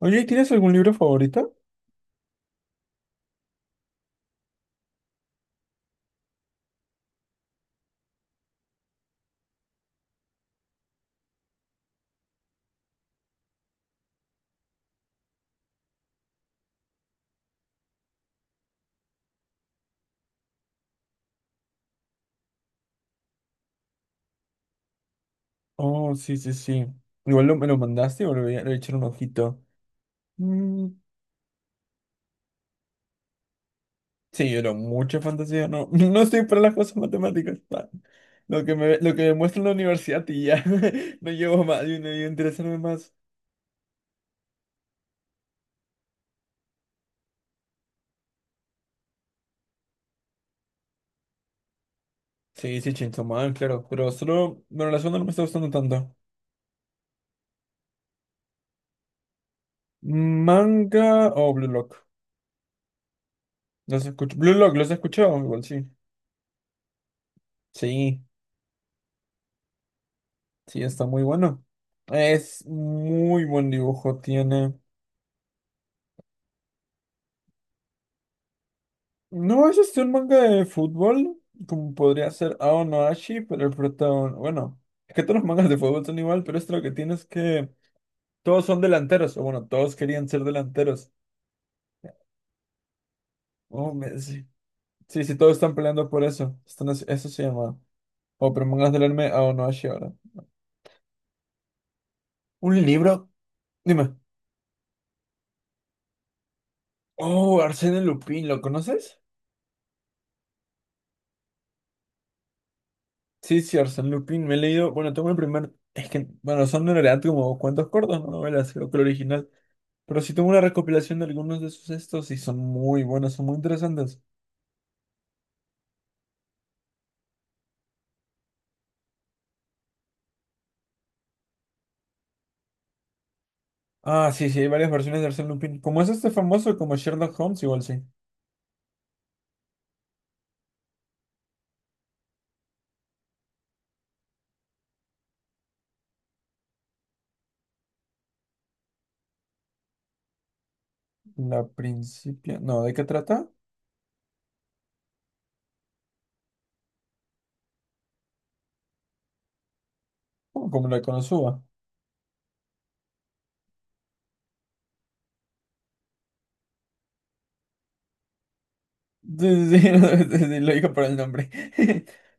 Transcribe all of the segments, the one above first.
Oye, ¿tienes algún libro favorito? Oh, sí, sí, sí. Igual me lo mandaste o le voy a echar un ojito. Mm. Sí, pero mucha fantasía, no, no estoy para las cosas matemáticas. Pa. Lo que lo que me muestra en la universidad y ya, no llevo más, yo no interesarme más. Sí, sí, Chainsaw Man, claro, pero solo, bueno, la segunda no me está gustando tanto. Manga o Blue Lock, los escucho, Blue Lock, los he escuchado, igual sí. Sí, sí, está muy bueno. Es muy buen dibujo, tiene. No, es este un manga de fútbol, como podría ser Ao no Ashi, pero el protagonista, bueno, es que todos los mangas de fútbol son igual, pero esto lo que tiene es que todos son delanteros, o bueno, todos querían ser delanteros. Oh, sí, sí, sí, todos están peleando por eso. Están eso se llama. Oh, pero mangas del anime Ao no Ashi ahora. Un libro, dime. Oh, Arsène Lupin, ¿lo conoces? Sí, sí, Arsène Lupin, me he leído, bueno, tengo el primer, es que, bueno, son en realidad como cuentos cortos, no novelas, creo que el original. Pero sí tengo una recopilación de algunos de sus estos y son muy buenos, son muy interesantes. Ah, sí, sí, hay varias versiones de Arsène Lupin. Como es este famoso, como Sherlock Holmes, igual sí. La principia... No, ¿de qué trata? Oh, como la Konosuba. Sí, sí, sí, sí, sí, lo digo por el nombre.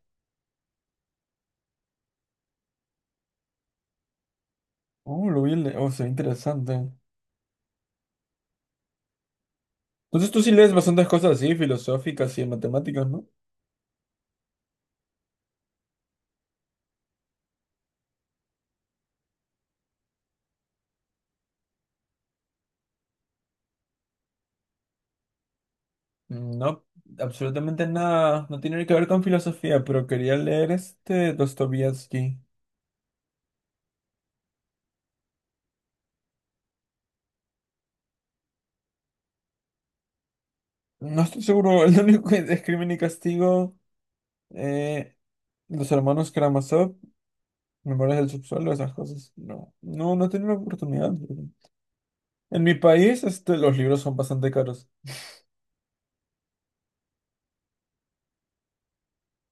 Oh, lo vi, oh, se ve interesante. Entonces tú sí lees bastantes cosas así, filosóficas y matemáticas, ¿no? No, absolutamente nada. No tiene que ver con filosofía, pero quería leer este Dostoyevsky. No estoy seguro, el único que es Crimen y Castigo, eh, los hermanos Karamazov, Memorias del Subsuelo, esas cosas. No, no, no he tenido la oportunidad. En mi país, este, los libros son bastante caros.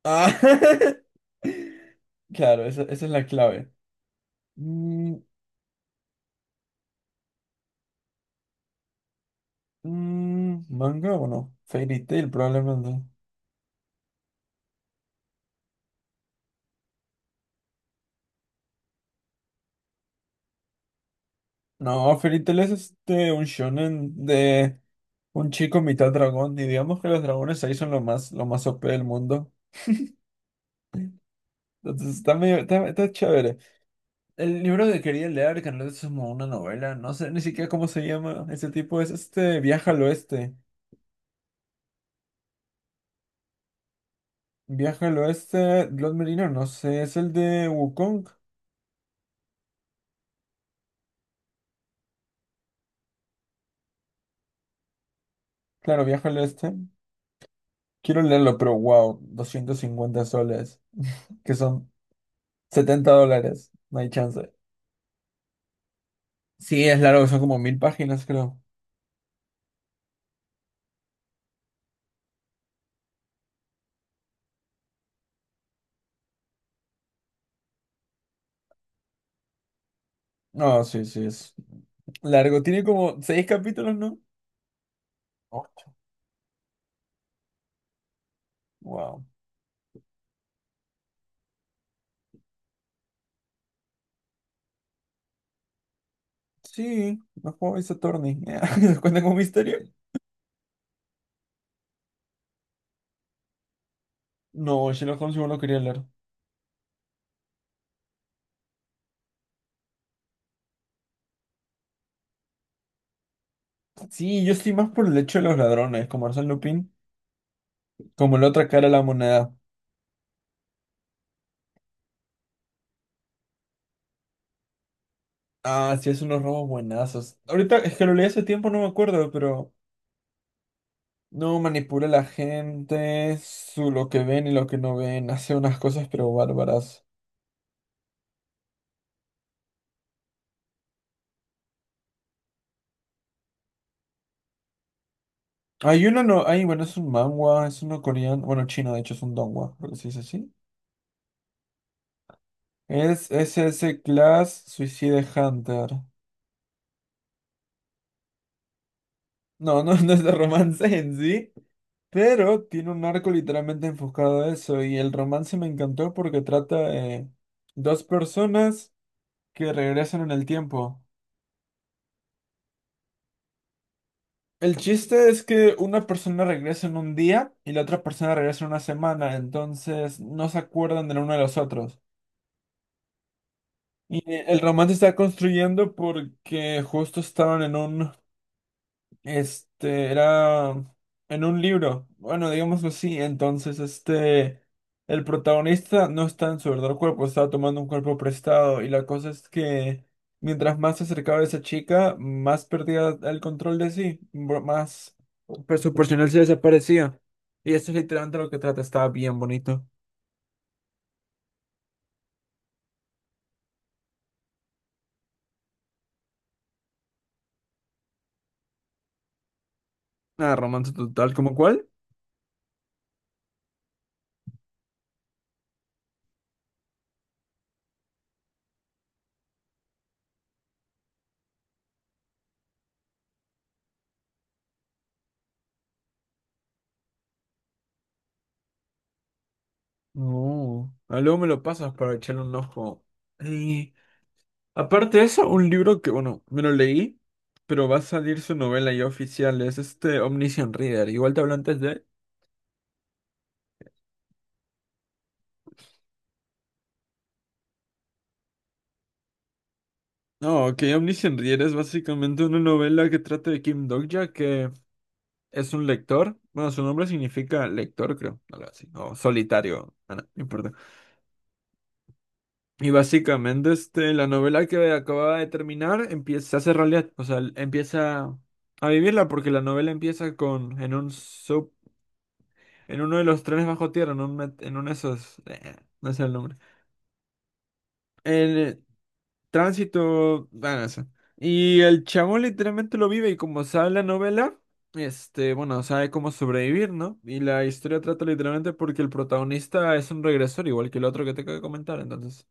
Ah, claro, esa es la clave. Mm, ¿Manga o no? Fairy Tail, probablemente. No, Fairy Tail es este, un shonen de un chico mitad dragón, y digamos que los dragones ahí son lo lo más OP del mundo. Entonces está chévere. El libro que quería leer, que no es como una novela, no sé ni siquiera cómo se llama ese tipo, es este Viaja al Oeste. Viaja al Oeste, Blood Merino, no sé, es el de Wukong. Claro, Viaja al Oeste. Quiero leerlo, pero wow, 250 soles, que son 70 dólares, no hay chance. Sí, es largo, son como 1000 páginas, creo. No, sí, sí, es largo. Tiene como seis capítulos, ¿no? Oh, wow. Sí, no juego Ace Attorney. ¿Se cuenta como misterio? No, Sherlock Holmes igual no quería leer. Sí, yo estoy más por el hecho de los ladrones, como Arsène Lupin, como la otra cara de la moneda. Ah, sí, es unos robos buenazos. Ahorita es que lo leí hace tiempo, no me acuerdo, pero no manipula a la gente, su, lo que ven y lo que no ven, hace unas cosas pero bárbaras. Hay uno, no, hay, bueno, es un manhwa, es uno coreano, bueno, chino, de hecho es un donghua, creo que se dice así. Es SS Class Suicide Hunter. No, no, no es de romance en sí. Pero tiene un arco literalmente enfocado a eso y el romance me encantó porque trata de dos personas que regresan en el tiempo. El chiste es que una persona regresa en un día y la otra persona regresa en una semana, entonces no se acuerdan del uno de los otros. Y el romance se está construyendo porque justo estaban en un Este era en un libro, bueno, digámoslo así. Entonces, este, el protagonista no está en su verdadero cuerpo, estaba tomando un cuerpo prestado. Y la cosa es que mientras más se acercaba a esa chica, más perdía el control de sí, más pues, su personal se desaparecía. Y eso es literalmente lo que trata, estaba bien bonito. Nada, romance total, ¿como cuál? No, ah, luego me lo pasas para echarle un ojo. Aparte de eso, un libro que, bueno, me lo leí, pero va a salir su novela ya oficial, es este Omniscient Reader. Igual te hablo antes de... No, ok, Omniscient Reader es básicamente una novela que trata de Kim Dokja, que es un lector. Bueno, su nombre significa lector, creo, algo así, o solitario, ah, no, no importa. Y básicamente, este, la novela que acaba de terminar empieza, se hace realidad, o sea, empieza a vivirla porque la novela empieza con, en un sub En uno de los trenes bajo tierra, en, un en uno de esos. No sé el nombre. El tránsito. Bueno, eso. Y el chabón literalmente lo vive y como sabe la novela, este, bueno, sabe cómo sobrevivir, ¿no? Y la historia trata literalmente porque el protagonista es un regresor, igual que el otro que te acabo de comentar, entonces.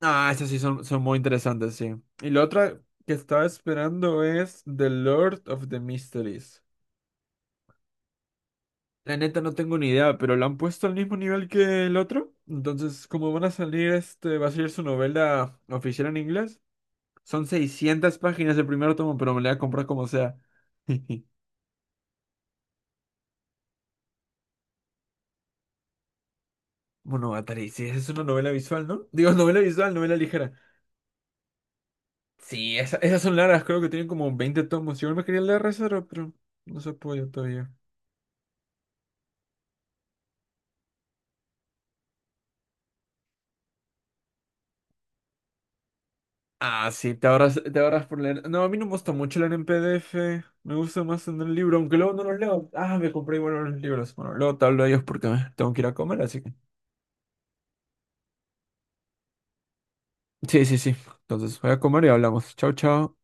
Ah, esas sí son, son muy interesantes, sí. Y la otra que estaba esperando es The Lord of the Mysteries. La neta no tengo ni idea, pero lo han puesto al mismo nivel que el otro. Entonces, como van a salir, este, va a salir su novela oficial en inglés. Son 600 páginas el primer tomo, pero me la voy a comprar como sea. Monogatari, sí, esa es una novela visual, ¿no? Digo, novela visual, novela ligera. Sí, esas son largas, creo que tienen como 20 tomos. Igual me quería leer Rezaro, pero no se ha podido todavía. Ah, sí, te ahorras por leer. No, a mí no me gusta mucho leer en PDF. Me gusta más en el libro, aunque luego no los leo. Ah, me compré igual los libros. Bueno, luego te hablo de ellos porque me tengo que ir a comer, así que. Sí, sí, sí. Entonces voy a comer y hablamos. Chao, chao.